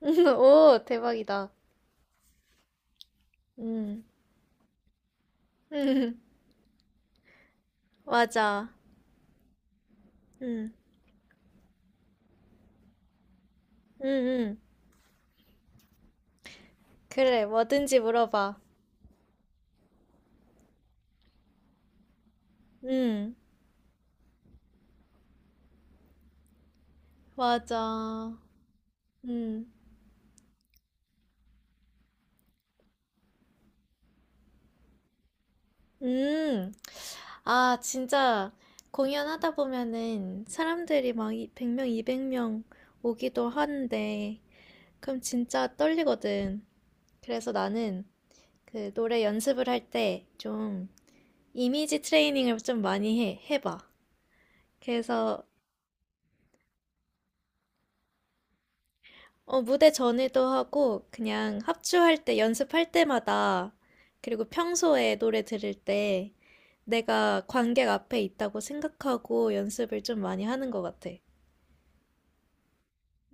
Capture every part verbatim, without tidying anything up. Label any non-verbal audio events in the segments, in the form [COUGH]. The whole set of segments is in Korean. [LAUGHS] 오, 대박이다. 음, [LAUGHS] 음, 맞아. 음, 음, 음. 그래, 뭐든지 물어봐. 음, 맞아. 음, 음. 아, 진짜 공연하다 보면은 사람들이 막 백 명, 이백 명 오기도 하는데, 그럼 진짜 떨리거든. 그래서 나는 그 노래 연습을 할 때 좀 이미지 트레이닝을 좀 많이 해, 해봐. 그래서 어, 무대 전에도 하고, 그냥 합주할 때, 연습할 때마다, 그리고 평소에 노래 들을 때, 내가 관객 앞에 있다고 생각하고 연습을 좀 많이 하는 것 같아.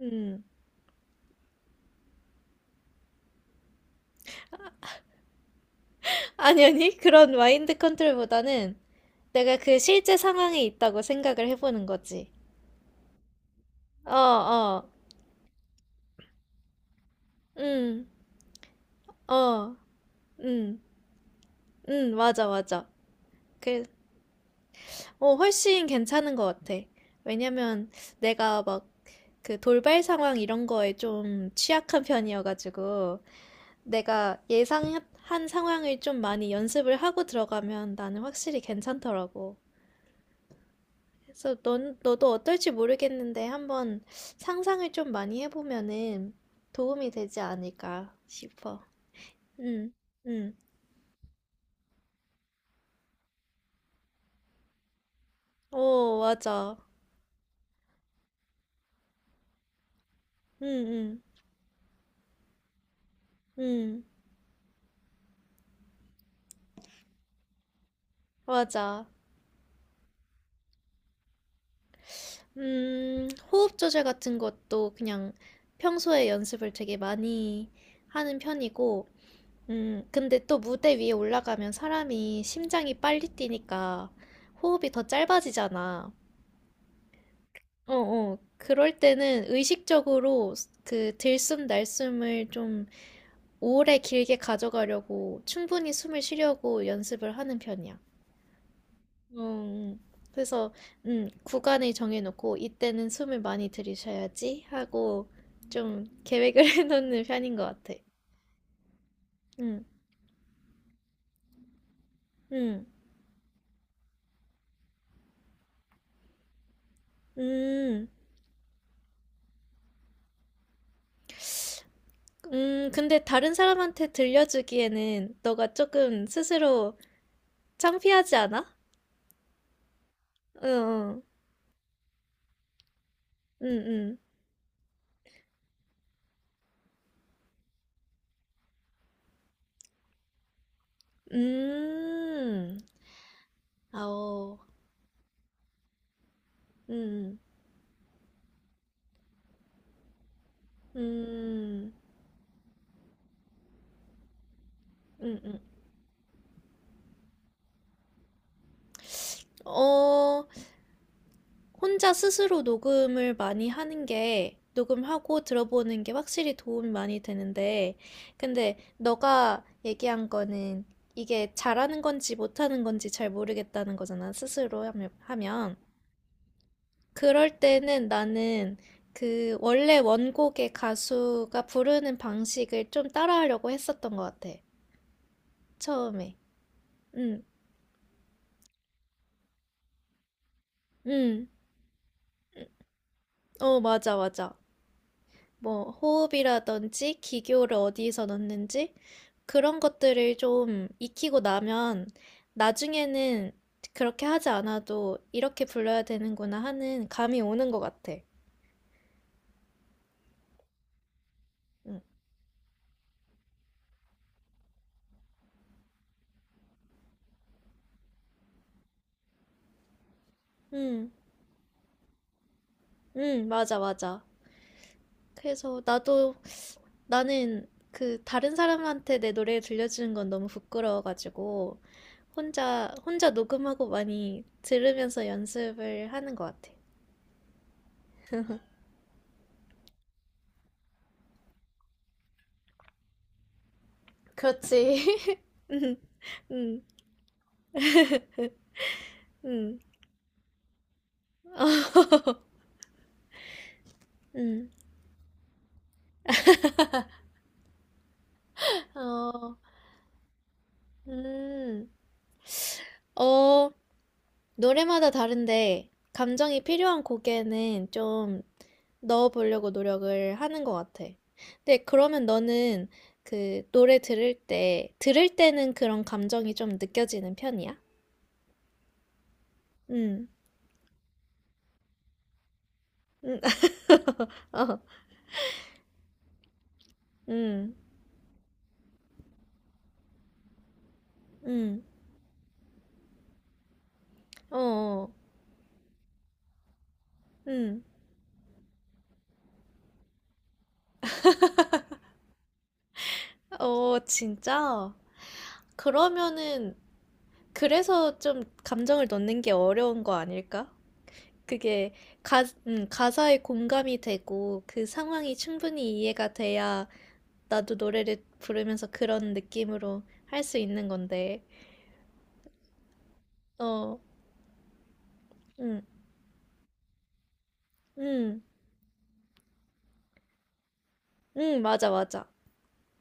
음. 아니, 아니, 그런 마인드 컨트롤보다는 내가 그 실제 상황에 있다고 생각을 해보는 거지. 어, 어, 음, 어, 음, 음, 맞아, 맞아. 그, 어, 훨씬 괜찮은 것 같아. 왜냐면 내가 막 그 돌발 상황 이런 거에 좀 취약한 편이어가지고 내가 예상한 상황을 좀 많이 연습을 하고 들어가면 나는 확실히 괜찮더라고. 그래서 넌, 너도 어떨지 모르겠는데 한번 상상을 좀 많이 해보면은 도움이 되지 않을까 싶어. 응, 응. 오, 맞아. 응, 응, 응. 맞아. 음, 호흡 조절 같은 것도 그냥 평소에 연습을 되게 많이 하는 편이고, 음, 근데 또 무대 위에 올라가면 사람이 심장이 빨리 뛰니까 호흡이 더 짧아지잖아. 어, 어. 그럴 때는 의식적으로 그 들숨 날숨을 좀 오래 길게 가져가려고 충분히 숨을 쉬려고 연습을 하는 편이야. 음, 그래서 음, 구간을 정해놓고 이때는 숨을 많이 들이셔야지 하고 좀 계획을 [LAUGHS] 해놓는 편인 것 같아. 음, 음, 음. 음, 근데 다른 사람한테 들려주기에는 너가 조금 스스로 창피하지 않아? 응, 응, 응, 응. 음, 아오, 음, 음, 음, 음. 음. 어, 혼자 스스로 녹음을 많이 하는 게, 녹음하고 들어보는 게 확실히 도움이 많이 되는데, 근데 너가 얘기한 거는 이게 잘하는 건지 못하는 건지 잘 모르겠다는 거잖아, 스스로 하면. 하면. 그럴 때는 나는 그 원래 원곡의 가수가 부르는 방식을 좀 따라하려고 했었던 것 같아. 처음에. 응, 응. 어, 맞아, 맞아. 뭐, 호흡이라든지 기교를 어디서 넣는지 그런 것들을 좀 익히고 나면 나중에는 그렇게 하지 않아도 이렇게 불러야 되는구나 하는 감이 오는 것 같아. 응, 응, 응, 맞아, 맞아. 그래서 나도 나는 그 다른 사람한테 내 노래 들려주는 건 너무 부끄러워가지고 혼자 혼자 녹음하고 많이 들으면서 연습을 하는 것 같아. 그렇지. [LAUGHS] 음, 음, 음, 음. 어, 음. 어, 노래마다 다른데 감정이 필요한 곡에는 좀 넣어보려고 노력을 하는 것 같아. 근데 그러면 너는 그 노래 들을 때, 들을 때는 그런 감정이 좀 느껴지는 편이야? 음. 음, [LAUGHS] 어, 음, 음, 어, 어, 음, 어, 진짜? 그러면은, 그래서 좀 감정을 넣는 게 어려운 거 아닐까? 그게 가, 음, 가사에 공감이 되고, 그 상황이 충분히 이해가 돼야 나도 노래를 부르면서 그런 느낌으로 할 수 있는 건데, 어, 응. 응. 응. 맞아, 맞아.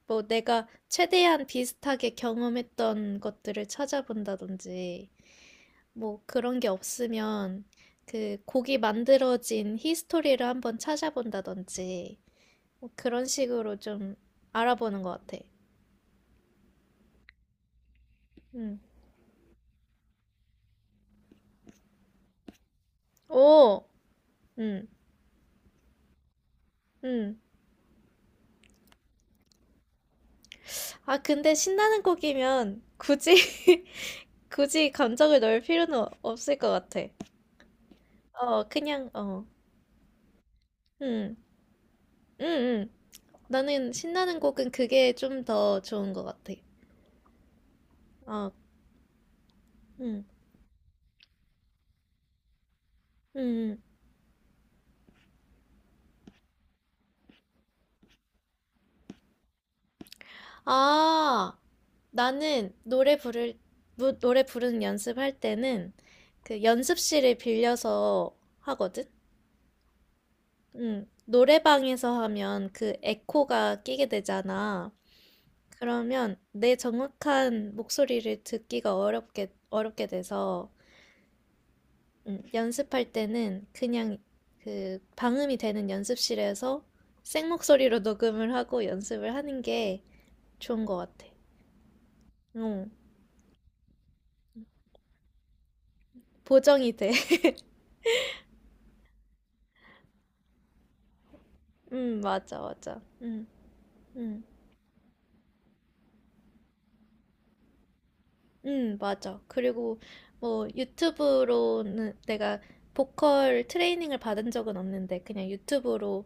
뭐 내가 최대한 비슷하게 경험했던 것들을 찾아본다든지, 뭐 그런 게 없으면 그 곡이 만들어진 히스토리를 한번 찾아본다든지 뭐 그런 식으로 좀 알아보는 것 같아. 음. 오, 음, 음. 아, 근데 신나는 곡이면 굳이 [LAUGHS] 굳이 감정을 넣을 필요는 어- 없을 것 같아. 어, 그냥 어, 음, 음, 음. 나는 신나는 곡은 그게 좀 더 좋은 것 같아. 어, 음, 음. 음. 아, 나는 노래 부를, 무- 노래 부르는 연습할 때는 그 연습실을 빌려서 하거든? 응. 노래방에서 하면 그 에코가 끼게 되잖아. 그러면 내 정확한 목소리를 듣기가 어렵게, 어렵게 돼서, 음, 연습할 때는 그냥 그 방음이 되는 연습실에서 생목소리로 녹음을 하고 연습을 하는 게 좋은 것 같아. 응, 보정이 돼. 음, 맞아, 맞아. 음, 음, 음, 맞아. 그리고 뭐 유튜브로는 내가 보컬 트레이닝을 받은 적은 없는데 그냥 유튜브로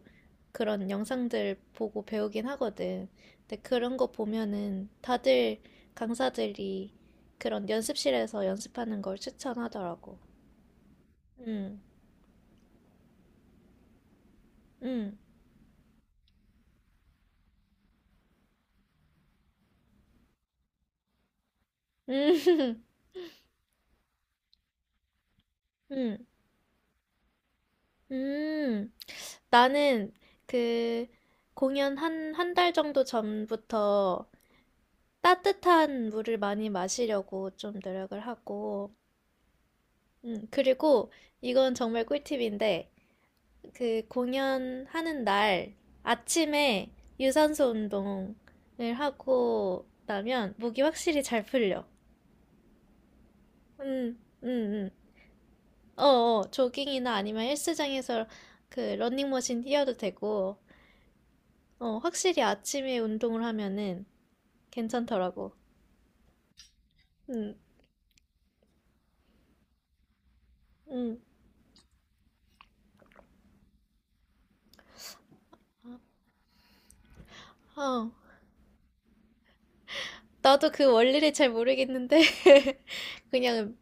그런 영상들 보고 배우긴 하거든. 근데 그런 거 보면은 다들 강사들이 그런 연습실에서 연습하는 걸 추천하더라고. 음, 음, 음, [LAUGHS] 음, 음. 나는 그 공연 한, 한 달 정도 전부터 따뜻한 물을 많이 마시려고 좀 노력을 하고, 음, 그리고 이건 정말 꿀팁인데, 그 공연하는 날 아침에 유산소 운동을 하고 나면 목이 확실히 잘 풀려. 음, 음, 음. 어, 어, 조깅이나 아니면 헬스장에서 그 러닝머신 뛰어도 되고, 어, 확실히 아침에 운동을 하면은 괜찮더라고. 음, 음, 어. 나도 그 원리를 잘 모르겠는데 [LAUGHS] 그냥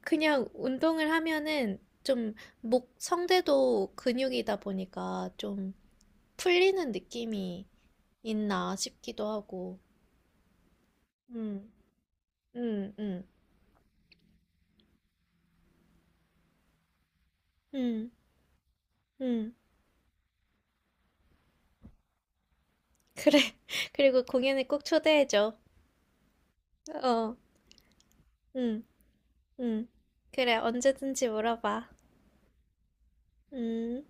그냥 운동을 하면은 좀 목 성대도 근육이다 보니까 좀 풀리는 느낌이 있나 싶기도 하고. 음, 음, 음, 음, 음. 그래. [LAUGHS] 그리고 공연에 꼭 초대해줘. 어, 음, 음. 그래, 언제든지 물어봐. 음.